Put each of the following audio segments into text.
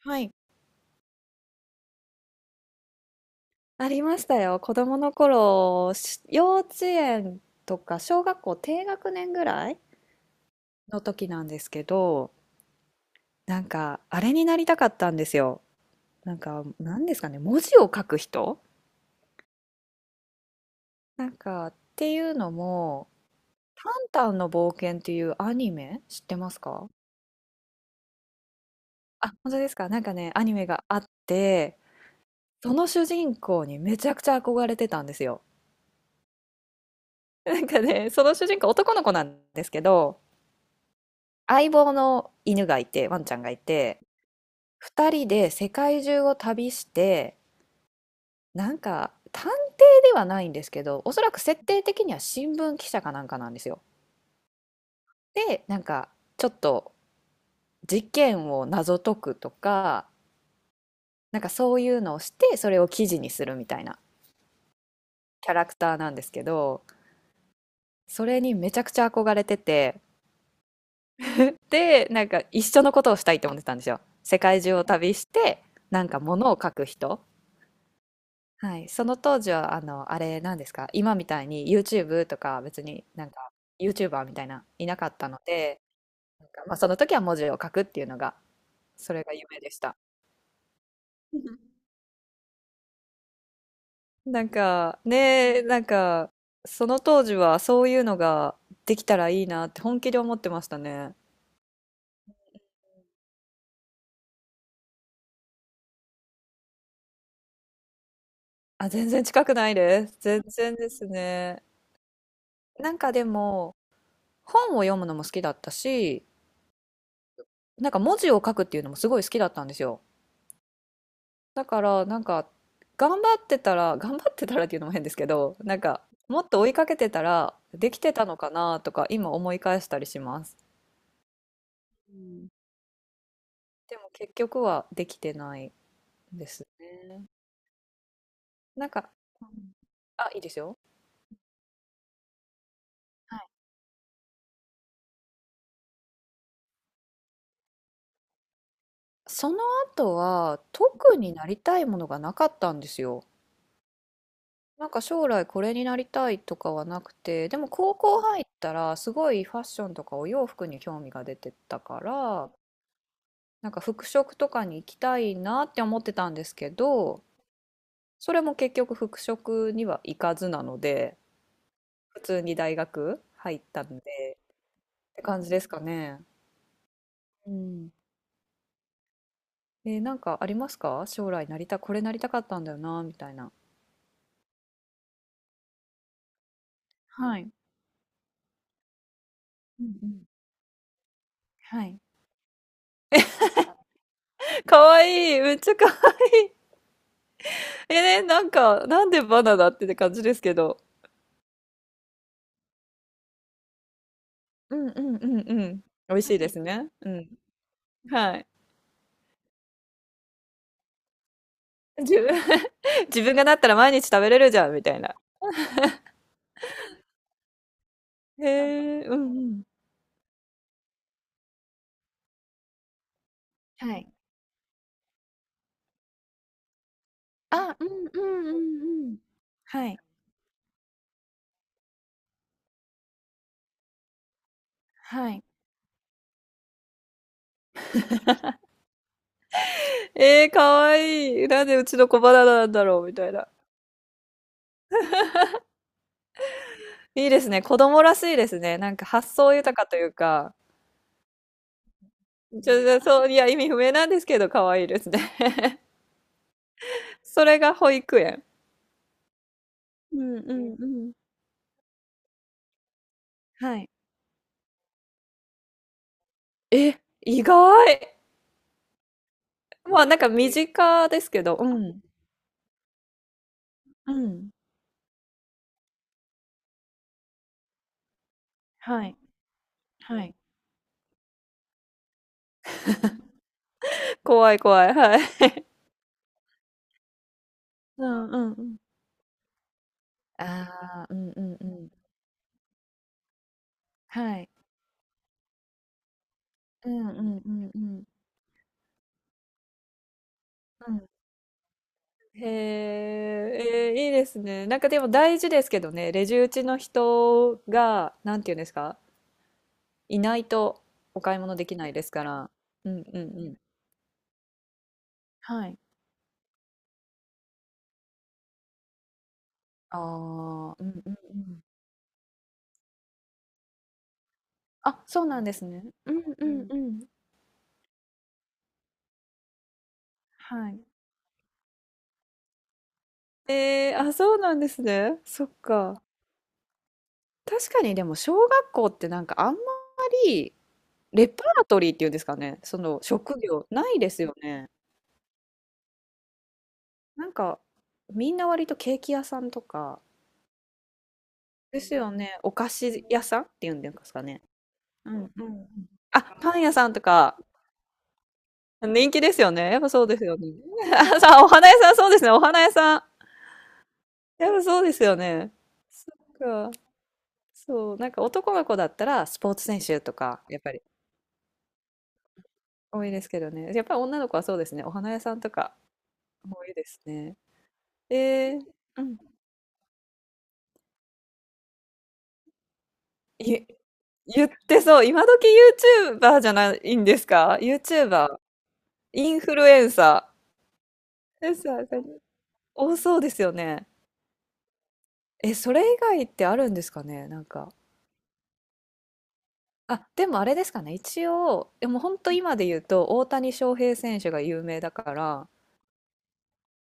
はい。ありましたよ。子供の頃、幼稚園とか小学校低学年ぐらいの時なんですけど、なんかあれになりたかったんですよ。なんか何ですかね、文字を書く人なんかっていうのも、タンタンの冒険っていうアニメ知ってますか？あ、本当ですか。なんかね、アニメがあって、その主人公にめちゃくちゃ憧れてたんですよ。なんかね、その主人公男の子なんですけど、相棒の犬がいて、ワンちゃんがいて、二人で世界中を旅して、なんか探偵ではないんですけど、おそらく設定的には新聞記者かなんかなんですよ。で、なんかちょっと事件を謎解くとか、なんかそういうのをして、それを記事にするみたいなキャラクターなんですけど、それにめちゃくちゃ憧れてて、で、なんか一緒のことをしたいと思ってたんですよ。世界中を旅して、なんか物を書く人。はい、その当時はあれなんですか、今みたいに YouTube とか別になんか YouTuber みたいないなかったので、なんかまあ、その時は文字を書くっていうのが、それが夢でした。なんかねえ、なんかその当時はそういうのができたらいいなって本気で思ってましたね。あ、全然近くないです。全然ですね。なんかでも本を読むのも好きだったし、なんか文字を書くっていうのもすごい好きだったんですよ。だからなんか頑張ってたら 頑張ってたらっていうのも変ですけど、なんかもっと追いかけてたらできてたのかなとか今思い返したりします。うん、でも結局はできてないですね。なんか、うん。あ、いいですよ。はい、その後は特になりたいものがなかったんですよ。なんか将来これになりたいとかはなくて、でも高校入ったらすごいファッションとかお洋服に興味が出てたから、なんか服飾とかに行きたいなって思ってたんですけど、それも結局服飾には行かずなので、普通に大学入ったんで、って感じですかね。うん。なんかありますか、将来なりた、これなりたかったんだよな、みたいな。はい。うんうん。はい。かわいい、めっちゃかわいい。なんか、なんでバナナってって感じですけど。うんうんうんうん。美味しいですね。うん。はい。自分 自分がなったら毎日食べれるじゃん、みたいな。へえ、うんうん。はい。あ、うんうんうんうん。はい、はい。ええ、かわいい。なんでうちの子バナナなんだろうみたいな。いいですね、子供らしいですね。なんか発想豊かというか、ちょで、そう、いや、意味不明なんですけど可愛いですね。それが保育園。うんうんうん。はい。え、意外。まあ、なんか身近ですけど、うん。うん。はい、はい。怖い怖い、はい。うんうんうん。ああ、うんうんうん。はい。うんうんうんうん。うん。へえ、いいですね。なんかでも大事ですけどね、レジ打ちの人が、なんていうんですか、いないとお買い物できないですから。うんうんうん。はい。ああ、うんうんうん。あ、そうなんですね。うんうんん。うん。はい。えー、あ、そうなんですね。そっか。確かにでも小学校ってなんかあんまりレパートリーっていうんですかね、その職業ないですよね。なんか、みんな割とケーキ屋さんとか、ですよね、お菓子屋さんっていうんですかね。うんうんうん。あ、パン屋さんとか、人気ですよね。やっぱそうですよね。あ、さあ、お花屋さん、そうですね、お花屋さん。やっぱそうですよね。なんか、そう、なんか男の子だったらスポーツ選手とか、やっぱり多いですけどね。やっぱり女の子はそうですね、お花屋さんとか多いですね。えー、うん、い言ってそう、今時 YouTuber じゃないんですか？ YouTuber。インフルエンサー。インフルエンサーが多そうですよね。え、それ以外ってあるんですかね、なんか。あ、でもあれですかね、一応、でも本当今で言うと、大谷翔平選手が有名だから、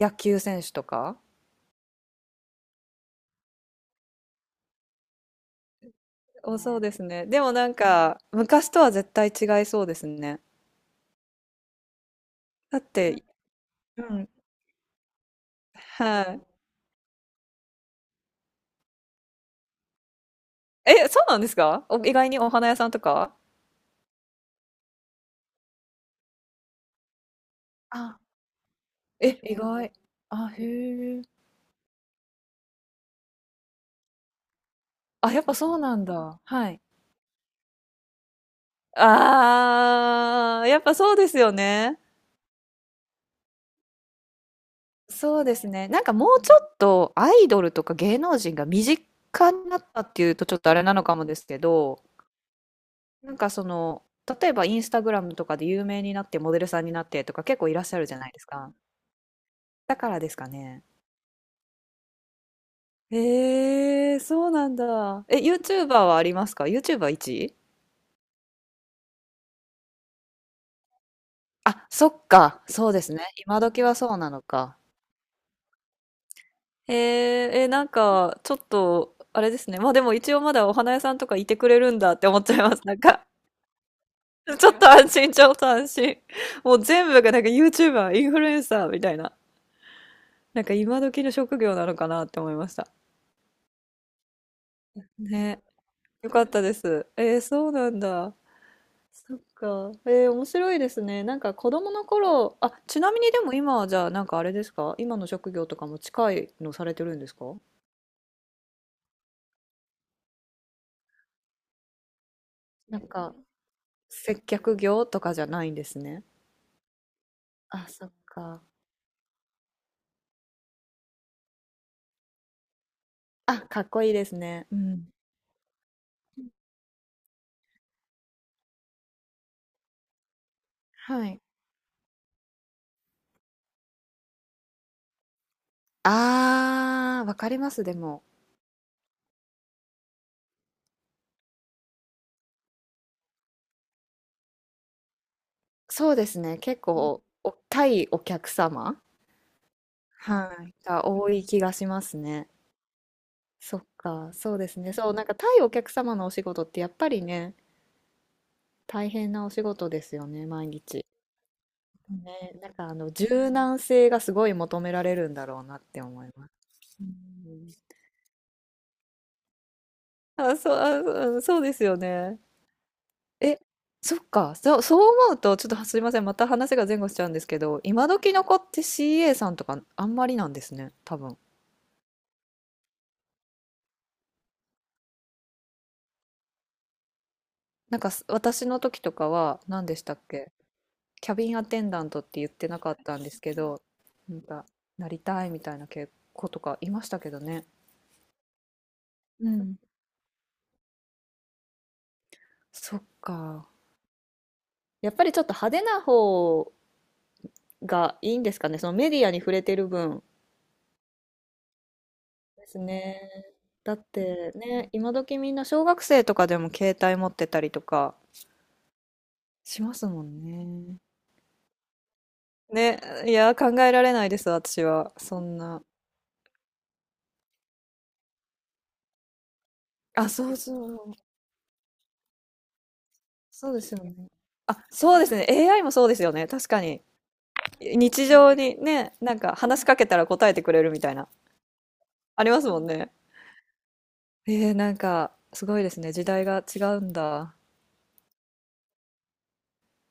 野球選手とか、多そうですね。でもなんか、昔とは絶対違いそうですね。だって、はい。え、そうなんですか？お意外にお花屋さんとか、あ、え、意外。あ、へえ。あ、やっぱそうなんだ。はい。あー、やっぱそうですよね。そうですね。なんかもうちょっとアイドルとか芸能人が身近になったっていうとちょっとあれなのかもですけど、なんかその、例えばインスタグラムとかで有名になってモデルさんになってとか結構いらっしゃるじゃないですか。だからですかね。えー、そうなんだ。え、YouTuber はありますか？ YouTuber1 位、あ、そっか。そうですね。今時はそうなのか。えー、えー、なんかちょっと、あれですね。まあでも一応まだお花屋さんとかいてくれるんだって思っちゃいます。なんか ちょっと安心、ちょっと安心。もう全部がなんか YouTuber、インフルエンサーみたいな。なんか今時の職業なのかなって思いました。ね。よかったです。えー、そうなんだ。そっか。えー、面白いですね。なんか子供の頃、あ、ちなみにでも今はじゃあなんかあれですか、今の職業とかも近いのされてるんですか？なんか接客業とかじゃないんですね。あ、そっか。あ、かっこいいですね。うん。はい。あー、わかります、でも。そうですね。結構、お対お客様、はい、が多い気がしますね。そっか、そうですね。そう、なんか対お客様のお仕事ってやっぱりね、大変なお仕事ですよね、毎日。ね、なんかあの柔軟性がすごい求められるんだろうなって思います。うん。あ、そう、あ、そううん、そうですよね。え、そっか、そう、そう思うと、ちょっとすいません、また話が前後しちゃうんですけど、今時の子って CA さんとかあんまりなんですね、多分。なんか私の時とかは何でしたっけ、キャビンアテンダントって言ってなかったんですけど、なんかなりたいみたいな子とかいましたけどね。うん。そっか。やっぱりちょっと派手な方がいいんですかね。そのメディアに触れてる分ですね。だってね、今時みんな小学生とかでも携帯持ってたりとか。しますもんね。ね、いや、考えられないです、私は。そんな。あ、そうそう。そうですよね。あ、そうですね。AI もそうですよね。確かに。日常にね、なんか話しかけたら答えてくれるみたいな。ありますもんね。えー、なんか、すごいですね。時代が違うんだ。